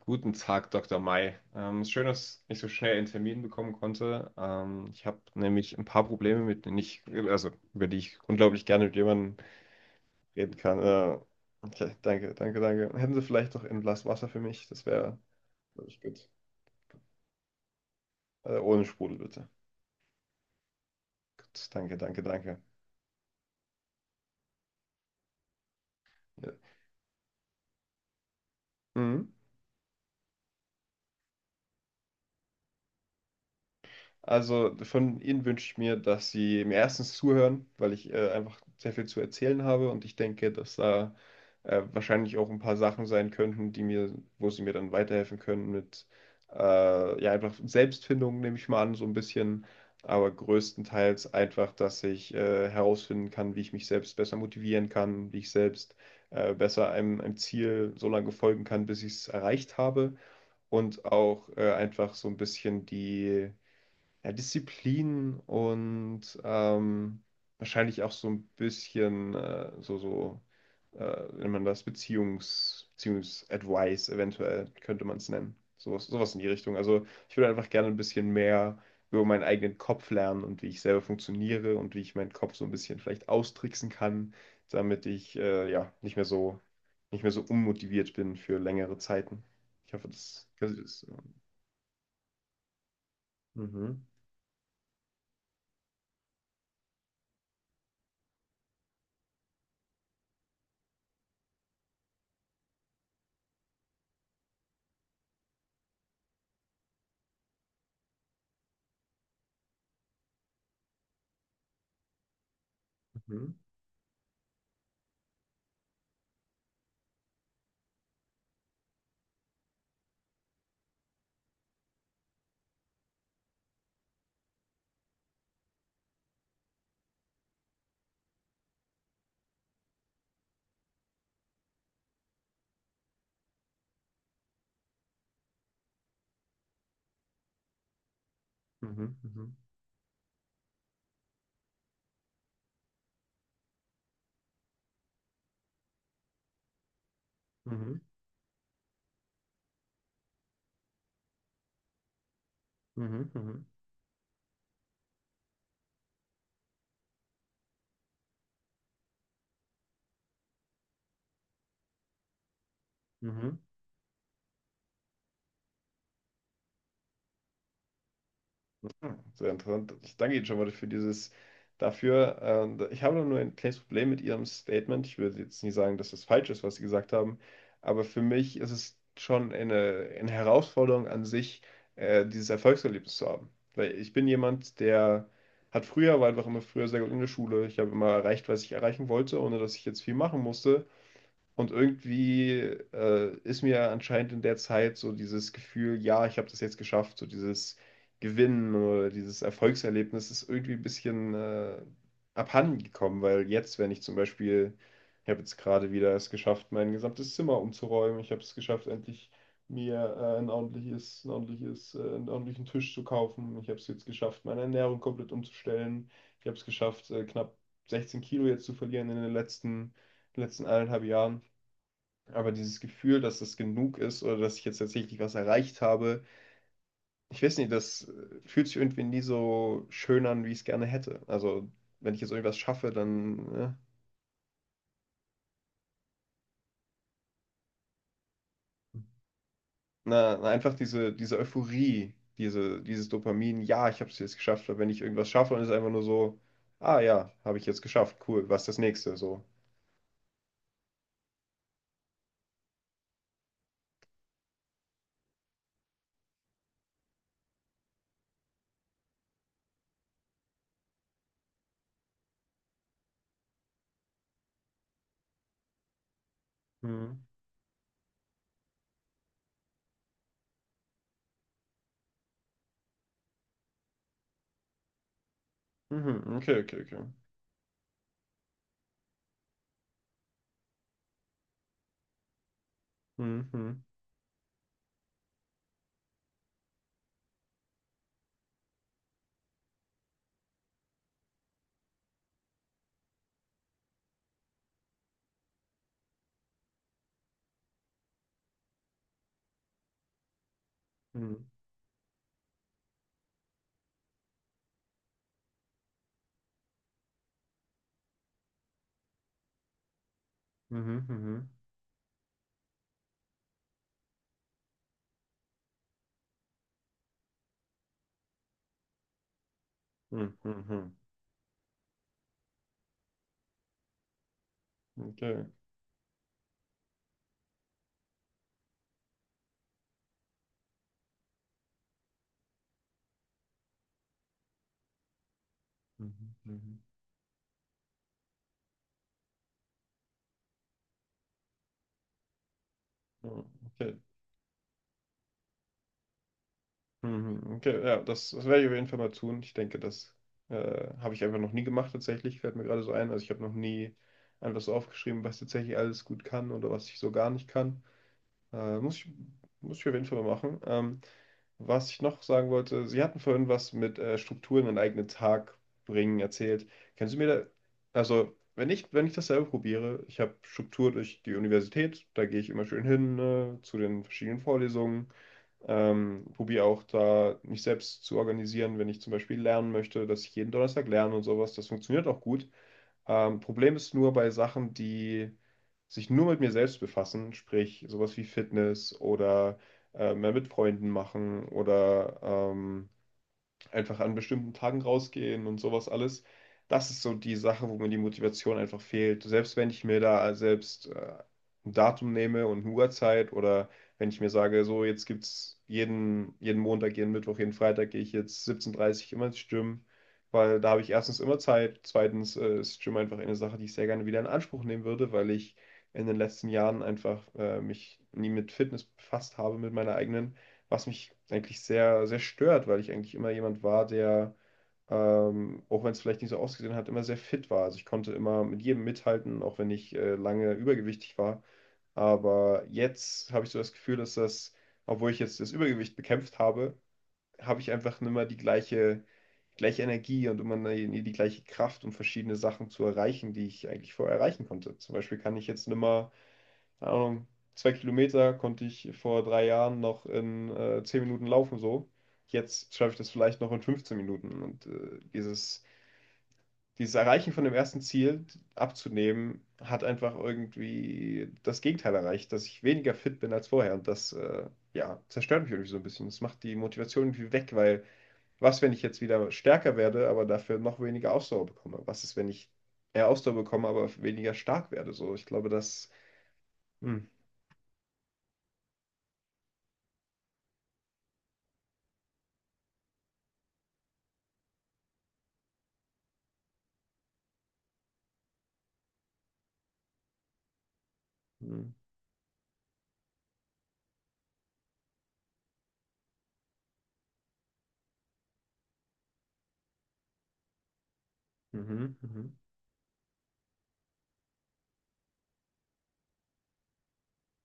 Guten Tag, Dr. Mai. Schön, dass ich so schnell einen Termin bekommen konnte. Ich habe nämlich ein paar Probleme, mit denen ich, also über die ich unglaublich gerne mit jemandem reden kann. Okay, danke, danke, danke. Hätten Sie vielleicht noch ein Glas Wasser für mich? Das wäre, glaube ich, gut. Ohne Sprudel, bitte. Gut, danke, danke, danke. Ja. Mhm. Also von Ihnen wünsche ich mir, dass Sie mir erstens zuhören, weil ich einfach sehr viel zu erzählen habe, und ich denke, dass da wahrscheinlich auch ein paar Sachen sein könnten, die mir, wo Sie mir dann weiterhelfen können mit ja einfach Selbstfindung, nehme ich mal an, so ein bisschen, aber größtenteils einfach, dass ich herausfinden kann, wie ich mich selbst besser motivieren kann, wie ich selbst besser einem Ziel so lange folgen kann, bis ich es erreicht habe, und auch einfach so ein bisschen die ja, Disziplin und wahrscheinlich auch so ein bisschen so, so wenn man das Beziehungs-Advice eventuell, könnte man es nennen. Sowas, sowas in die Richtung. Also ich würde einfach gerne ein bisschen mehr über meinen eigenen Kopf lernen und wie ich selber funktioniere und wie ich meinen Kopf so ein bisschen vielleicht austricksen kann, damit ich ja nicht mehr so unmotiviert bin für längere Zeiten. Ich hoffe, das ist. Mhm. Mhm. Mhm. Mhm. Mhm. Mhm. Mhm. Mhm. Hm, sehr interessant. Ich danke Ihnen schon mal für dieses dafür. Ich habe nur ein kleines Problem mit Ihrem Statement. Ich würde jetzt nicht sagen, dass es falsch ist, was Sie gesagt haben, aber für mich ist es schon eine Herausforderung an sich, dieses Erfolgserlebnis zu haben. Weil ich bin jemand, der hat früher, war einfach immer früher sehr gut in der Schule. Ich habe immer erreicht, was ich erreichen wollte, ohne dass ich jetzt viel machen musste. Und irgendwie ist mir anscheinend in der Zeit so dieses Gefühl, ja, ich habe das jetzt geschafft, so dieses Gewinnen oder dieses Erfolgserlebnis ist irgendwie ein bisschen abhanden gekommen, weil jetzt, wenn ich zum Beispiel, ich habe jetzt gerade wieder es geschafft, mein gesamtes Zimmer umzuräumen, ich habe es geschafft, endlich mir einen ordentlichen Tisch zu kaufen, ich habe es jetzt geschafft, meine Ernährung komplett umzustellen, ich habe es geschafft, knapp 16 Kilo jetzt zu verlieren in den letzten eineinhalb Jahren. Aber dieses Gefühl, dass das genug ist oder dass ich jetzt tatsächlich was erreicht habe, ich weiß nicht, das fühlt sich irgendwie nie so schön an, wie ich es gerne hätte. Also, wenn ich jetzt irgendwas schaffe, dann, ne? Na, na, einfach diese Euphorie, diese, dieses Dopamin, ja, ich habe es jetzt geschafft. Aber wenn ich irgendwas schaffe, dann ist es einfach nur so, ah ja, habe ich jetzt geschafft, cool, was ist das nächste? So. Mhm. Mhm. Okay, okay, okay. Mhm. Mhm. Mhm. Mhm. Mhm. Mhm. Okay. Mhm. Mhm. Ja. Okay. Mhm. Okay, ja, das werde ich auf jeden Fall mal tun. Ich denke, das habe ich einfach noch nie gemacht tatsächlich, fällt mir gerade so ein. Also ich habe noch nie einfach so aufgeschrieben, was tatsächlich alles gut kann oder was ich so gar nicht kann. Muss ich, muss ich auf jeden Fall mal machen. Was ich noch sagen wollte, Sie hatten vorhin was mit Strukturen in den eigenen Tag bringen erzählt. Kannst du mir da, also wenn ich das selber probiere, ich habe Struktur durch die Universität, da gehe ich immer schön hin, ne, zu den verschiedenen Vorlesungen. Probiere auch da mich selbst zu organisieren, wenn ich zum Beispiel lernen möchte, dass ich jeden Donnerstag lerne und sowas. Das funktioniert auch gut. Problem ist nur bei Sachen, die sich nur mit mir selbst befassen, sprich sowas wie Fitness oder mehr mit Freunden machen oder einfach an bestimmten Tagen rausgehen und sowas alles. Das ist so die Sache, wo mir die Motivation einfach fehlt. Selbst wenn ich mir da selbst ein Datum nehme und eine Uhrzeit, oder wenn ich mir sage, so, jetzt gibt's jeden Montag, jeden Mittwoch, jeden Freitag gehe ich jetzt 17:30 Uhr dreißig immer ins Gym, weil da habe ich erstens immer Zeit, zweitens ist Gym einfach eine Sache, die ich sehr gerne wieder in Anspruch nehmen würde, weil ich in den letzten Jahren einfach mich nie mit Fitness befasst habe, mit meiner eigenen, was mich eigentlich sehr, sehr stört, weil ich eigentlich immer jemand war, der, auch wenn es vielleicht nicht so ausgesehen hat, immer sehr fit war. Also ich konnte immer mit jedem mithalten, auch wenn ich lange übergewichtig war. Aber jetzt habe ich so das Gefühl, dass das, obwohl ich jetzt das Übergewicht bekämpft habe, habe ich einfach nicht mehr die gleiche Energie und immer die gleiche Kraft, um verschiedene Sachen zu erreichen, die ich eigentlich vorher erreichen konnte. Zum Beispiel kann ich jetzt nicht mehr, keine Ahnung, 2 Kilometer konnte ich vor 3 Jahren noch in 10 Minuten laufen so. Jetzt schaffe ich das vielleicht noch in 15 Minuten. Und dieses Erreichen von dem ersten Ziel abzunehmen, hat einfach irgendwie das Gegenteil erreicht, dass ich weniger fit bin als vorher. Und das, ja, zerstört mich irgendwie so ein bisschen. Das macht die Motivation irgendwie weg, weil, was, wenn ich jetzt wieder stärker werde, aber dafür noch weniger Ausdauer bekomme? Was ist, wenn ich mehr Ausdauer bekomme, aber weniger stark werde? So, ich glaube, das. Hm. Hm. Mhm, mhm.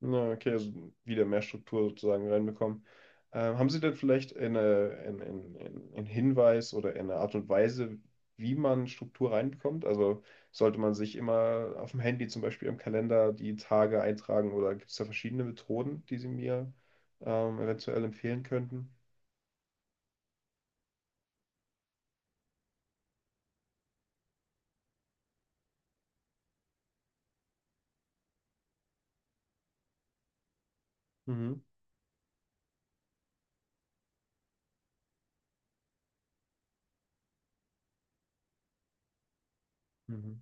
Ja, okay, also wieder mehr Struktur sozusagen reinbekommen. Haben Sie denn vielleicht einen Hinweis oder eine Art und Weise, wie man Struktur reinbekommt? Also sollte man sich immer auf dem Handy zum Beispiel im Kalender die Tage eintragen, oder gibt es da verschiedene Methoden, die Sie mir eventuell empfehlen könnten? Mhm, mhm,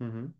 mhm,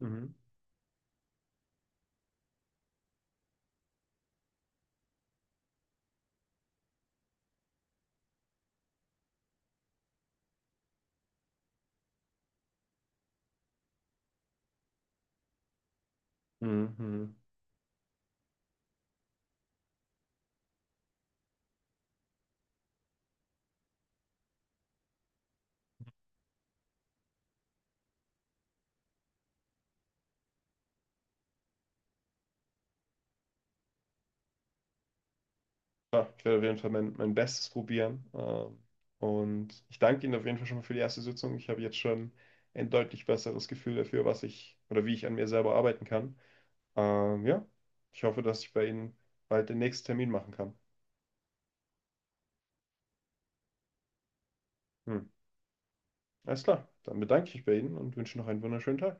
mhm, mhm, mhm. Ja, ich werde auf jeden Fall mein Bestes probieren. Und ich danke Ihnen auf jeden Fall schon mal für die erste Sitzung. Ich habe jetzt schon ein deutlich besseres Gefühl dafür, was ich oder wie ich an mir selber arbeiten kann. Ja, ich hoffe, dass ich bei Ihnen bald den nächsten Termin machen kann. Hm. Alles klar, dann bedanke ich mich bei Ihnen und wünsche noch einen wunderschönen Tag.